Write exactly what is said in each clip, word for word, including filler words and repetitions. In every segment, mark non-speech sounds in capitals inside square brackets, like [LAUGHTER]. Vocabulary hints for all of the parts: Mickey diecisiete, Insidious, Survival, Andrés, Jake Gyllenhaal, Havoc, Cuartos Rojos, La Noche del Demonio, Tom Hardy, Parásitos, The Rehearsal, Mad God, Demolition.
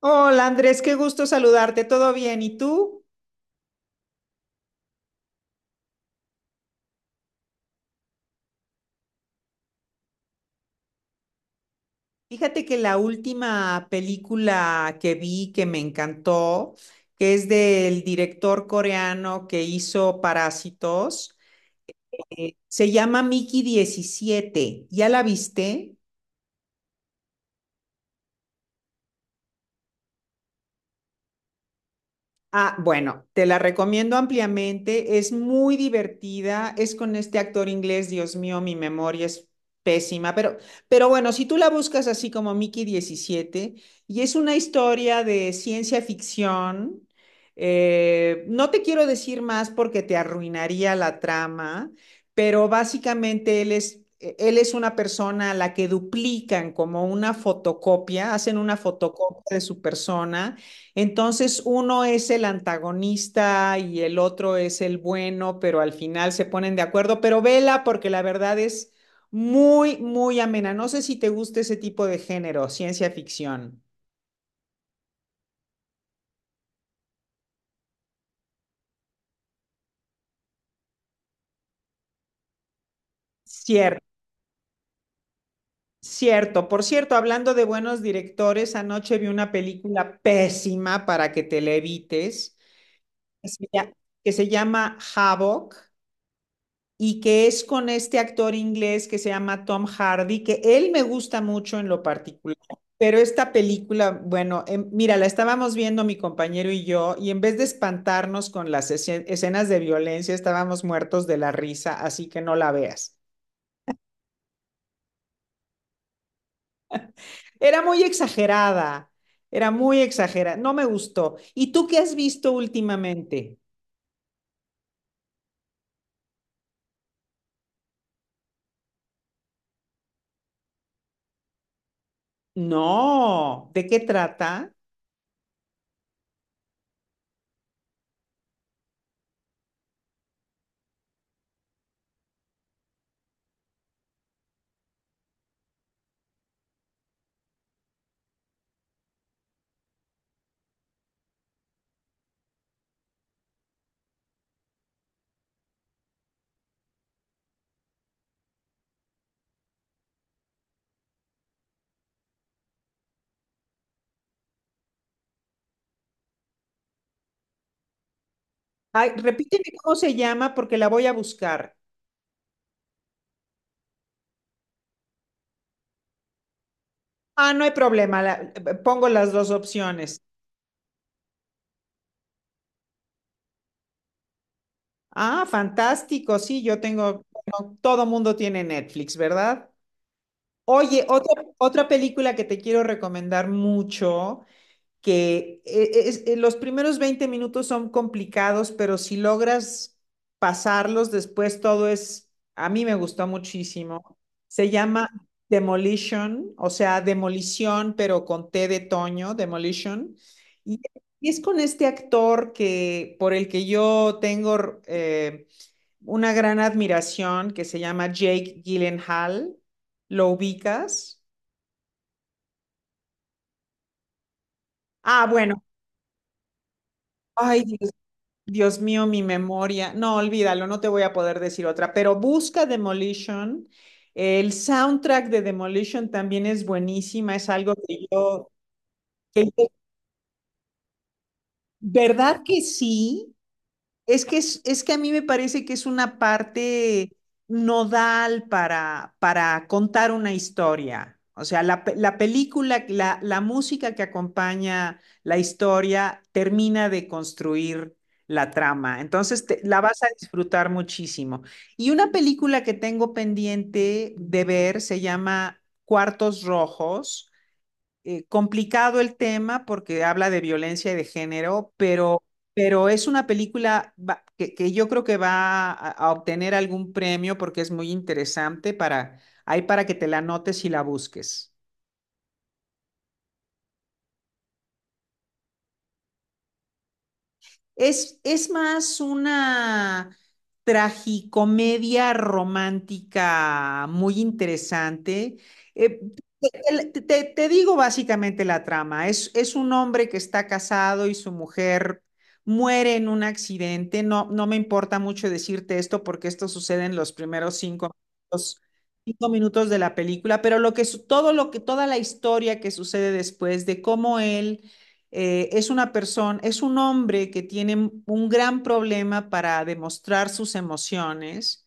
Hola Andrés, qué gusto saludarte, ¿todo bien? ¿Y tú? Fíjate que la última película que vi que me encantó, que es del director coreano que hizo Parásitos, eh, se llama Mickey diecisiete. ¿Ya la viste? Ah, bueno, te la recomiendo ampliamente, es muy divertida, es con este actor inglés, Dios mío, mi memoria es pésima, pero, pero bueno, si tú la buscas así como Mickey diecisiete y es una historia de ciencia ficción, eh, no te quiero decir más porque te arruinaría la trama, pero básicamente él es... eh, Él es una persona a la que duplican como una fotocopia, hacen una fotocopia de su persona. Entonces uno es el antagonista y el otro es el bueno, pero al final se ponen de acuerdo. Pero vela porque la verdad es muy, muy amena. No sé si te gusta ese tipo de género, ciencia ficción. Cierto, cierto. Por cierto, hablando de buenos directores, anoche vi una película pésima para que te la evites, que se lla- que se llama Havoc. Y que es con este actor inglés que se llama Tom Hardy, que él me gusta mucho en lo particular. Pero esta película, bueno, eh, mira, la estábamos viendo mi compañero y yo, y en vez de espantarnos con las escenas de violencia, estábamos muertos de la risa, así que no la veas. Era muy exagerada, era muy exagerada, no me gustó. ¿Y tú qué has visto últimamente? No, ¿de qué trata? Ay, repíteme cómo se llama porque la voy a buscar. Ah, no hay problema. La- pongo las dos opciones. Ah, fantástico. Sí, yo tengo, bueno, todo mundo tiene Netflix, ¿verdad? Oye, otra, otra película que te quiero recomendar mucho, que es- es- eh, los primeros veinte minutos son complicados, pero si logras pasarlos, después todo es, a mí me gustó muchísimo. Se llama Demolition, o sea, demolición, pero con T de Toño, Demolition. Y, y es con este actor que, por el que yo tengo eh, una gran admiración, que se llama Jake Gyllenhaal. ¿Lo ubicas? Ah, bueno. Ay, Dios Dios mío, mi memoria. No, olvídalo, no te voy a poder decir otra, pero busca Demolition. El soundtrack de Demolition también es buenísima, es algo que yo, que- ¿verdad que sí? Es que, es, es que a mí me parece que es una parte nodal para, para contar una historia. O sea, la, pe- la película, la, la música que acompaña la historia termina de construir la trama. Entonces, te- la vas a disfrutar muchísimo. Y una película que tengo pendiente de ver se llama Cuartos Rojos, eh, complicado el tema porque habla de violencia y de género, pero, pero es una película va- que, que yo creo que va a, a obtener algún premio porque es muy interesante para, hay para que te la notes y la busques. Es, es más una tragicomedia romántica muy interesante. Eh, te, te- te- te digo básicamente la trama. Es, es un hombre que está casado y su mujer muere en un accidente. No, no me importa mucho decirte esto porque esto sucede en los primeros cinco minutos, cinco minutos de la película, pero lo que, su- todo lo que, toda la historia que sucede después de cómo él, eh, es una persona, es un hombre que tiene un gran problema para demostrar sus emociones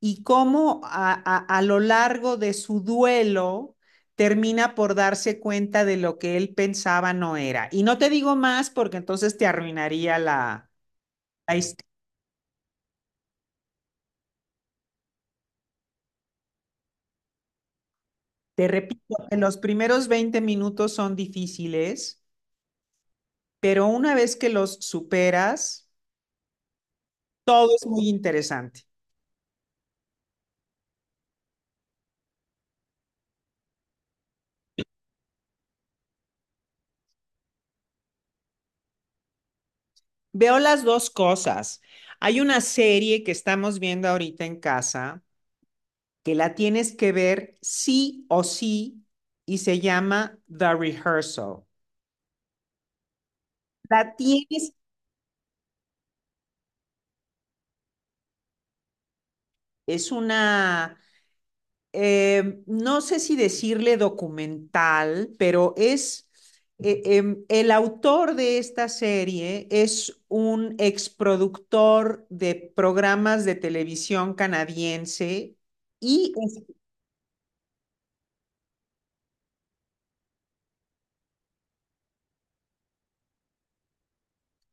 y cómo a, a, a lo largo de su duelo termina por darse cuenta de lo que él pensaba no era. Y no te digo más porque entonces te arruinaría la, la historia. Te repito, que los primeros veinte minutos son difíciles, pero una vez que los superas, todo es muy interesante. Veo las dos cosas. Hay una serie que estamos viendo ahorita en casa que la tienes que ver sí o sí y se llama The Rehearsal. La tienes, es una, eh, no sé si decirle documental, pero es, eh, eh, el autor de esta serie es un exproductor de programas de televisión canadiense y es-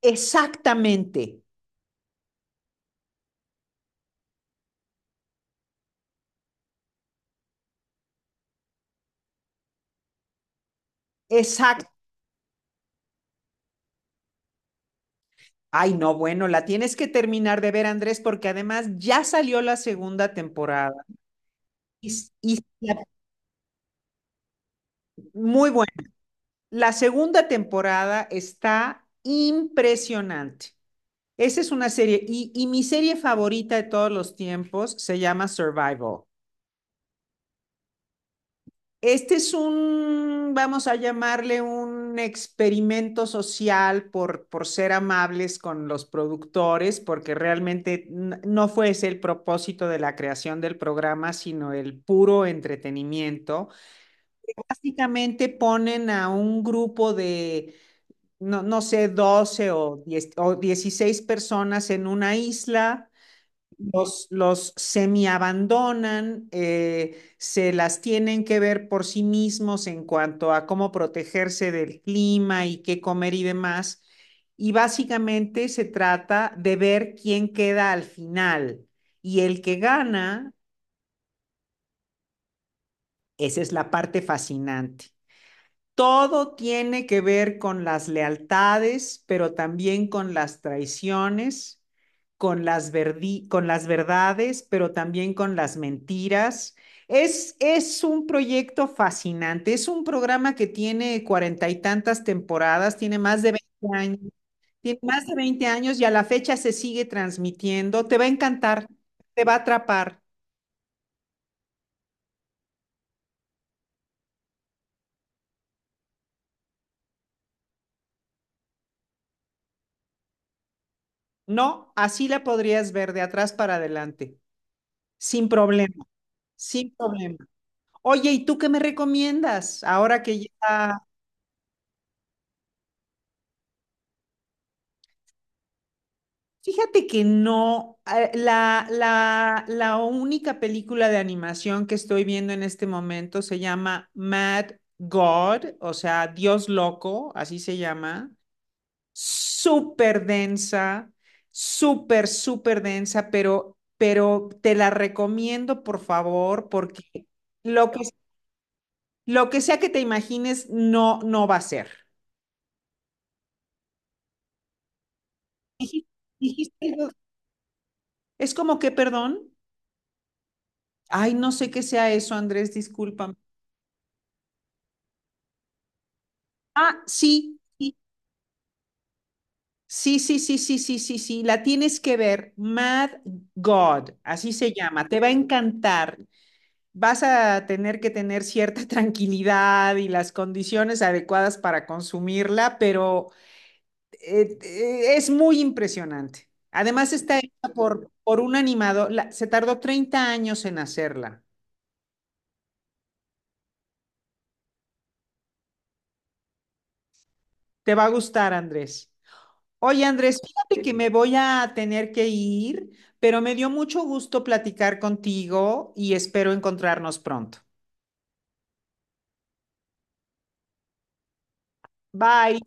exactamente. Exacto. Ay, no, bueno, la tienes que terminar de ver, Andrés, porque además ya salió la segunda temporada. Y, s- y la- muy buena. La segunda temporada está impresionante. Esa es una serie. Y, y mi serie favorita de todos los tiempos se llama Survival. Este es un, vamos a llamarle un experimento social por, por ser amables con los productores, porque realmente no fue ese el propósito de la creación del programa, sino el puro entretenimiento. Básicamente ponen a un grupo de, no, no sé, doce o, diez o dieciséis personas en una isla. Los, los semi-abandonan, eh, se las tienen que ver por sí mismos en cuanto a cómo protegerse del clima y qué comer y demás. Y básicamente se trata de ver quién queda al final. Y el que gana, esa es la parte fascinante. Todo tiene que ver con las lealtades, pero también con las traiciones, con las, verdi- con las verdades, pero también con las mentiras. Es, es un proyecto fascinante, es un programa que tiene cuarenta y tantas temporadas, tiene más de veinte años, tiene más de veinte años y a la fecha se sigue transmitiendo. Te va a encantar, te va a atrapar. No, así la podrías ver de atrás para adelante, sin problema, sin problema. Oye, ¿y tú qué me recomiendas? Ahora que ya... Fíjate que no, eh, la, la, la única película de animación que estoy viendo en este momento se llama Mad God, o sea, Dios loco, así se llama. Súper densa, súper, súper densa, pero, pero te la recomiendo, por favor, porque lo que, lo que sea que te imagines no, no va a ser. Dijiste, dijiste algo. Es como que, perdón, ay, no sé qué sea eso, Andrés, discúlpame. Ah, sí, sí, sí, sí, sí, sí, sí, sí, sí, la tienes que ver, Mad God, así se llama, te va a encantar. Vas a tener que tener cierta [LAUGHS] tranquilidad y las condiciones adecuadas para consumirla, pero eh, eh, es muy impresionante. Además está hecha por, por un animador, la- se tardó treinta años en hacerla. Te va a gustar, Andrés. Oye, Andrés, fíjate que me voy a tener que ir, pero me dio mucho gusto platicar contigo y espero encontrarnos pronto. Bye.